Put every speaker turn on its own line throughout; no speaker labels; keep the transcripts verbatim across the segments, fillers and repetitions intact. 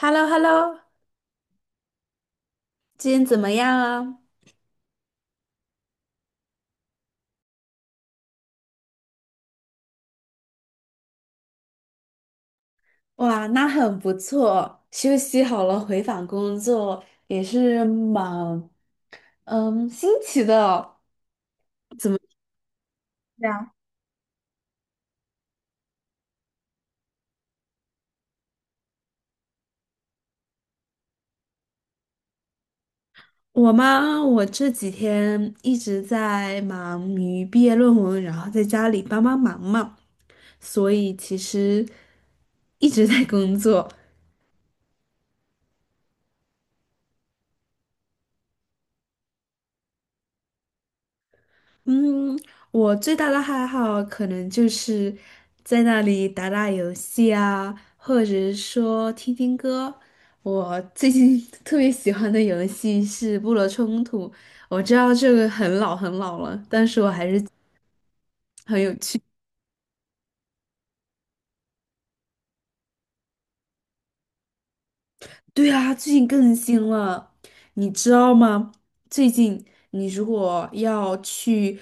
h e l l o h e l l o 今天怎么样啊？哇，那很不错，休息好了回访工作也是蛮嗯新奇的。怎么我吗？我这几天一直在忙于毕业论文，然后在家里帮帮忙嘛，所以其实一直在工作。嗯，我最大的爱好可能就是在那里打打游戏啊，或者是说听听歌。我最近 特别喜欢的游戏是《部落冲突》，我知道这个很老很老了，但是我还是。很有趣。对啊，最近更新了，你知道吗？最近你如果要去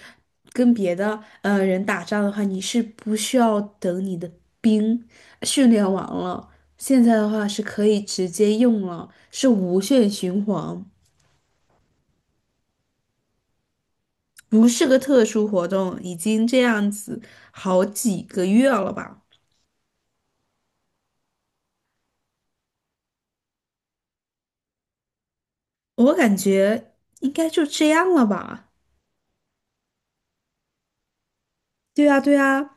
跟别的呃人打仗的话，你是不需要等你的兵训练完了，现在的话是可以直接用了，是无限循环，不是个特殊活动，已经这样子好几个月了吧？我感觉应该就这样了吧？对啊，对啊。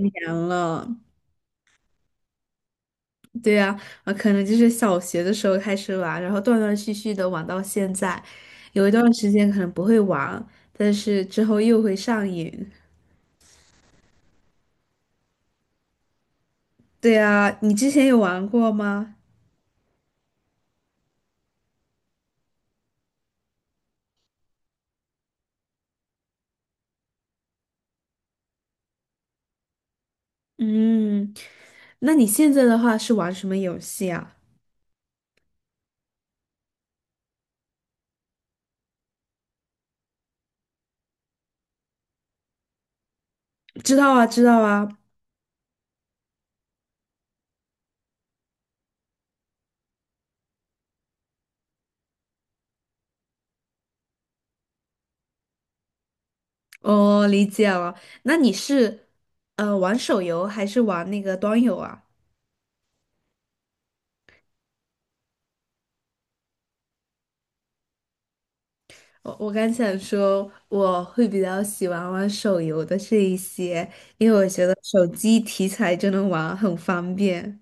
年了。对呀，啊，呃可能就是小学的时候开始玩，然后断断续续的玩到现在，有一段时间可能不会玩，但是之后又会上瘾。对呀，你之前有玩过吗？嗯，那你现在的话是玩什么游戏啊？知道啊，知道啊。哦，理解了。那你是呃玩手游还是玩那个端游啊？我我刚想说，我会比较喜欢玩手游的这一些，因为我觉得手机题材就能玩，很方便。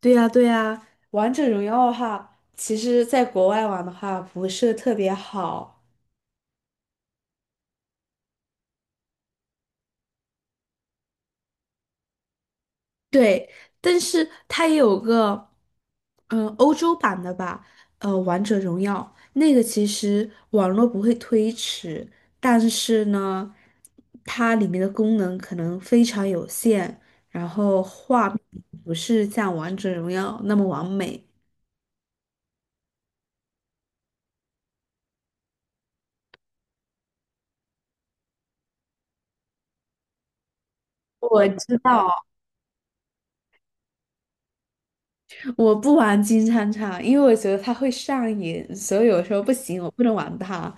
对呀，对呀，王者荣耀的话，其实在国外玩的话不是特别好。对，但是它也有个，嗯、欧洲版的吧，呃，《王者荣耀》那个其实网络不会推迟，但是呢，它里面的功能可能非常有限，然后画面不是像《王者荣耀》那么完美。我知道。我不玩金铲铲，因为我觉得它会上瘾，所以有时候不行，我不能玩它。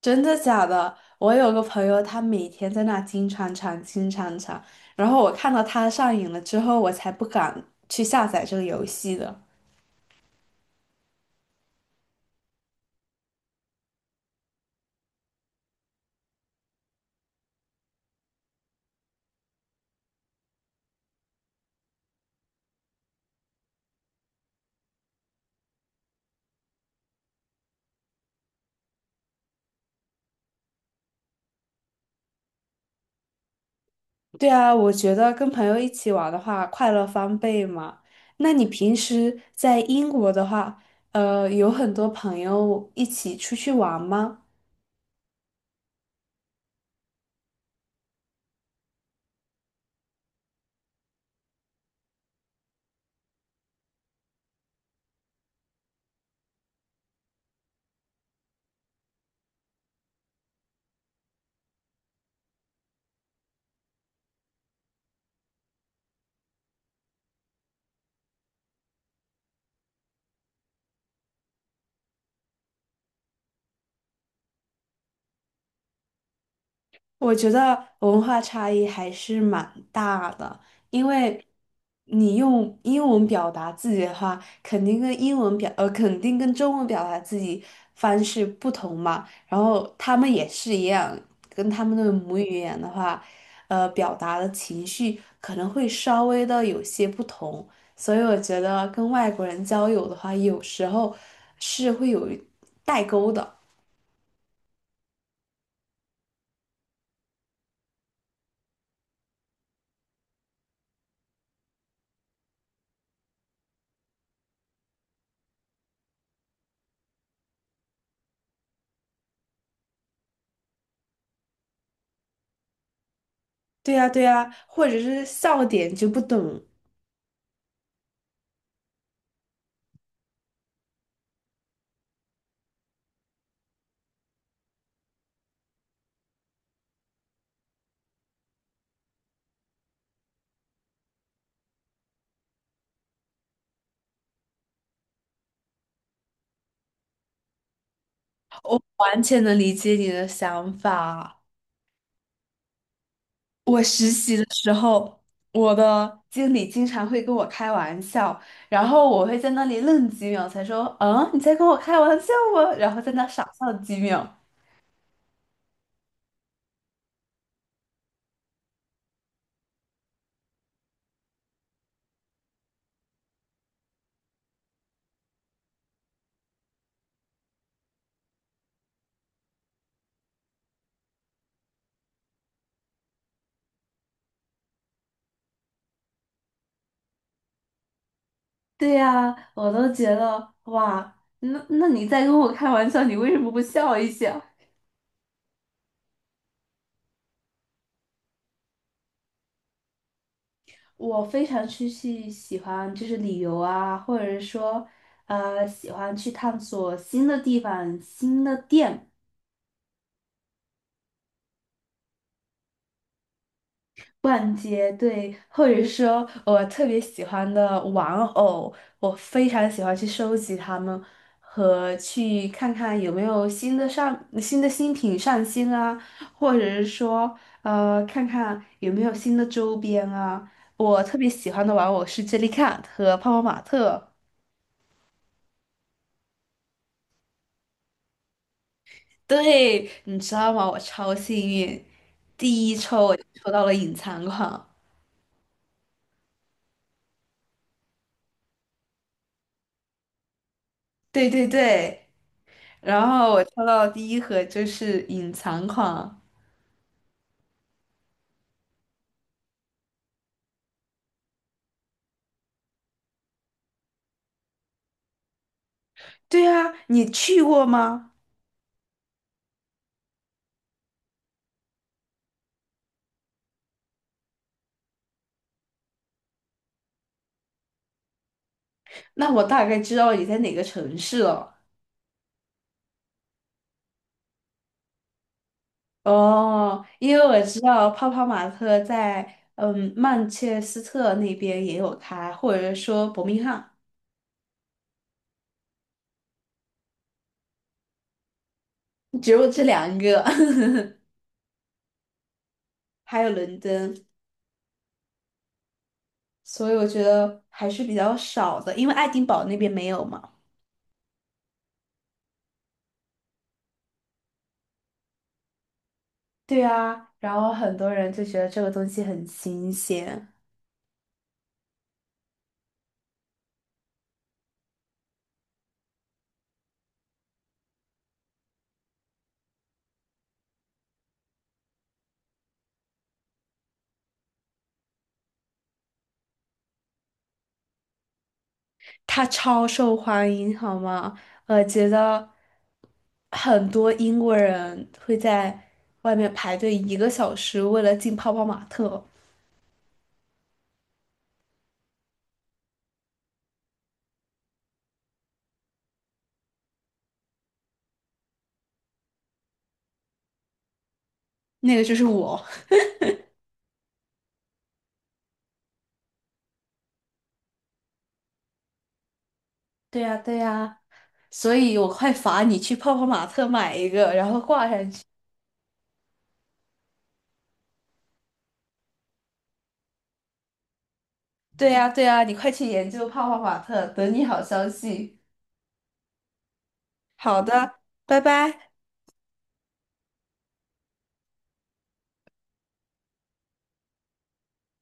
真的假的？我有个朋友，他每天在那金铲铲、金铲铲，然后我看到他上瘾了之后，我才不敢去下载这个游戏的。对啊，我觉得跟朋友一起玩的话，快乐翻倍嘛。那你平时在英国的话，呃，有很多朋友一起出去玩吗？我觉得文化差异还是蛮大的，因为你用英文表达自己的话，肯定跟英文表，呃，肯定跟中文表达自己方式不同嘛。然后他们也是一样，跟他们的母语言的话，呃，表达的情绪可能会稍微的有些不同。所以我觉得跟外国人交友的话，有时候是会有代沟的。对呀，对呀，或者是笑点就不懂。我完全能理解你的想法。我实习的时候，我的经理经常会跟我开玩笑，然后我会在那里愣几秒，才说："嗯，你在跟我开玩笑吗？"然后在那傻笑几秒。对呀，我都觉得哇，那那你在跟我开玩笑，你为什么不笑一下？我非常去去喜欢就是旅游啊，或者说呃喜欢去探索新的地方、新的店。逛街，对，或者说我特别喜欢的玩偶，我非常喜欢去收集它们，和去看看有没有新的上新的新品上新啊，或者是说呃看看有没有新的周边啊。我特别喜欢的玩偶是杰 e 卡和泡泡玛特。对，你知道吗？我超幸运，第一抽我就抽到了隐藏款。对对对。然后我抽到的第一盒就是隐藏款。对啊，你去过吗？那我大概知道你在哪个城市了。哦，因为我知道泡泡玛特在嗯曼彻斯特那边也有开，或者说伯明翰，只有这两个。还有伦敦，所以我觉得还是比较少的，因为爱丁堡那边没有嘛。对啊，然后很多人就觉得这个东西很新鲜。它超受欢迎，好吗？我觉得很多英国人会在外面排队一个小时，为了进泡泡玛特。那个就是我。对呀，对呀，所以我快罚你去泡泡玛特买一个，然后挂上去。对呀，对呀，你快去研究泡泡玛特，等你好消息。好的，拜拜。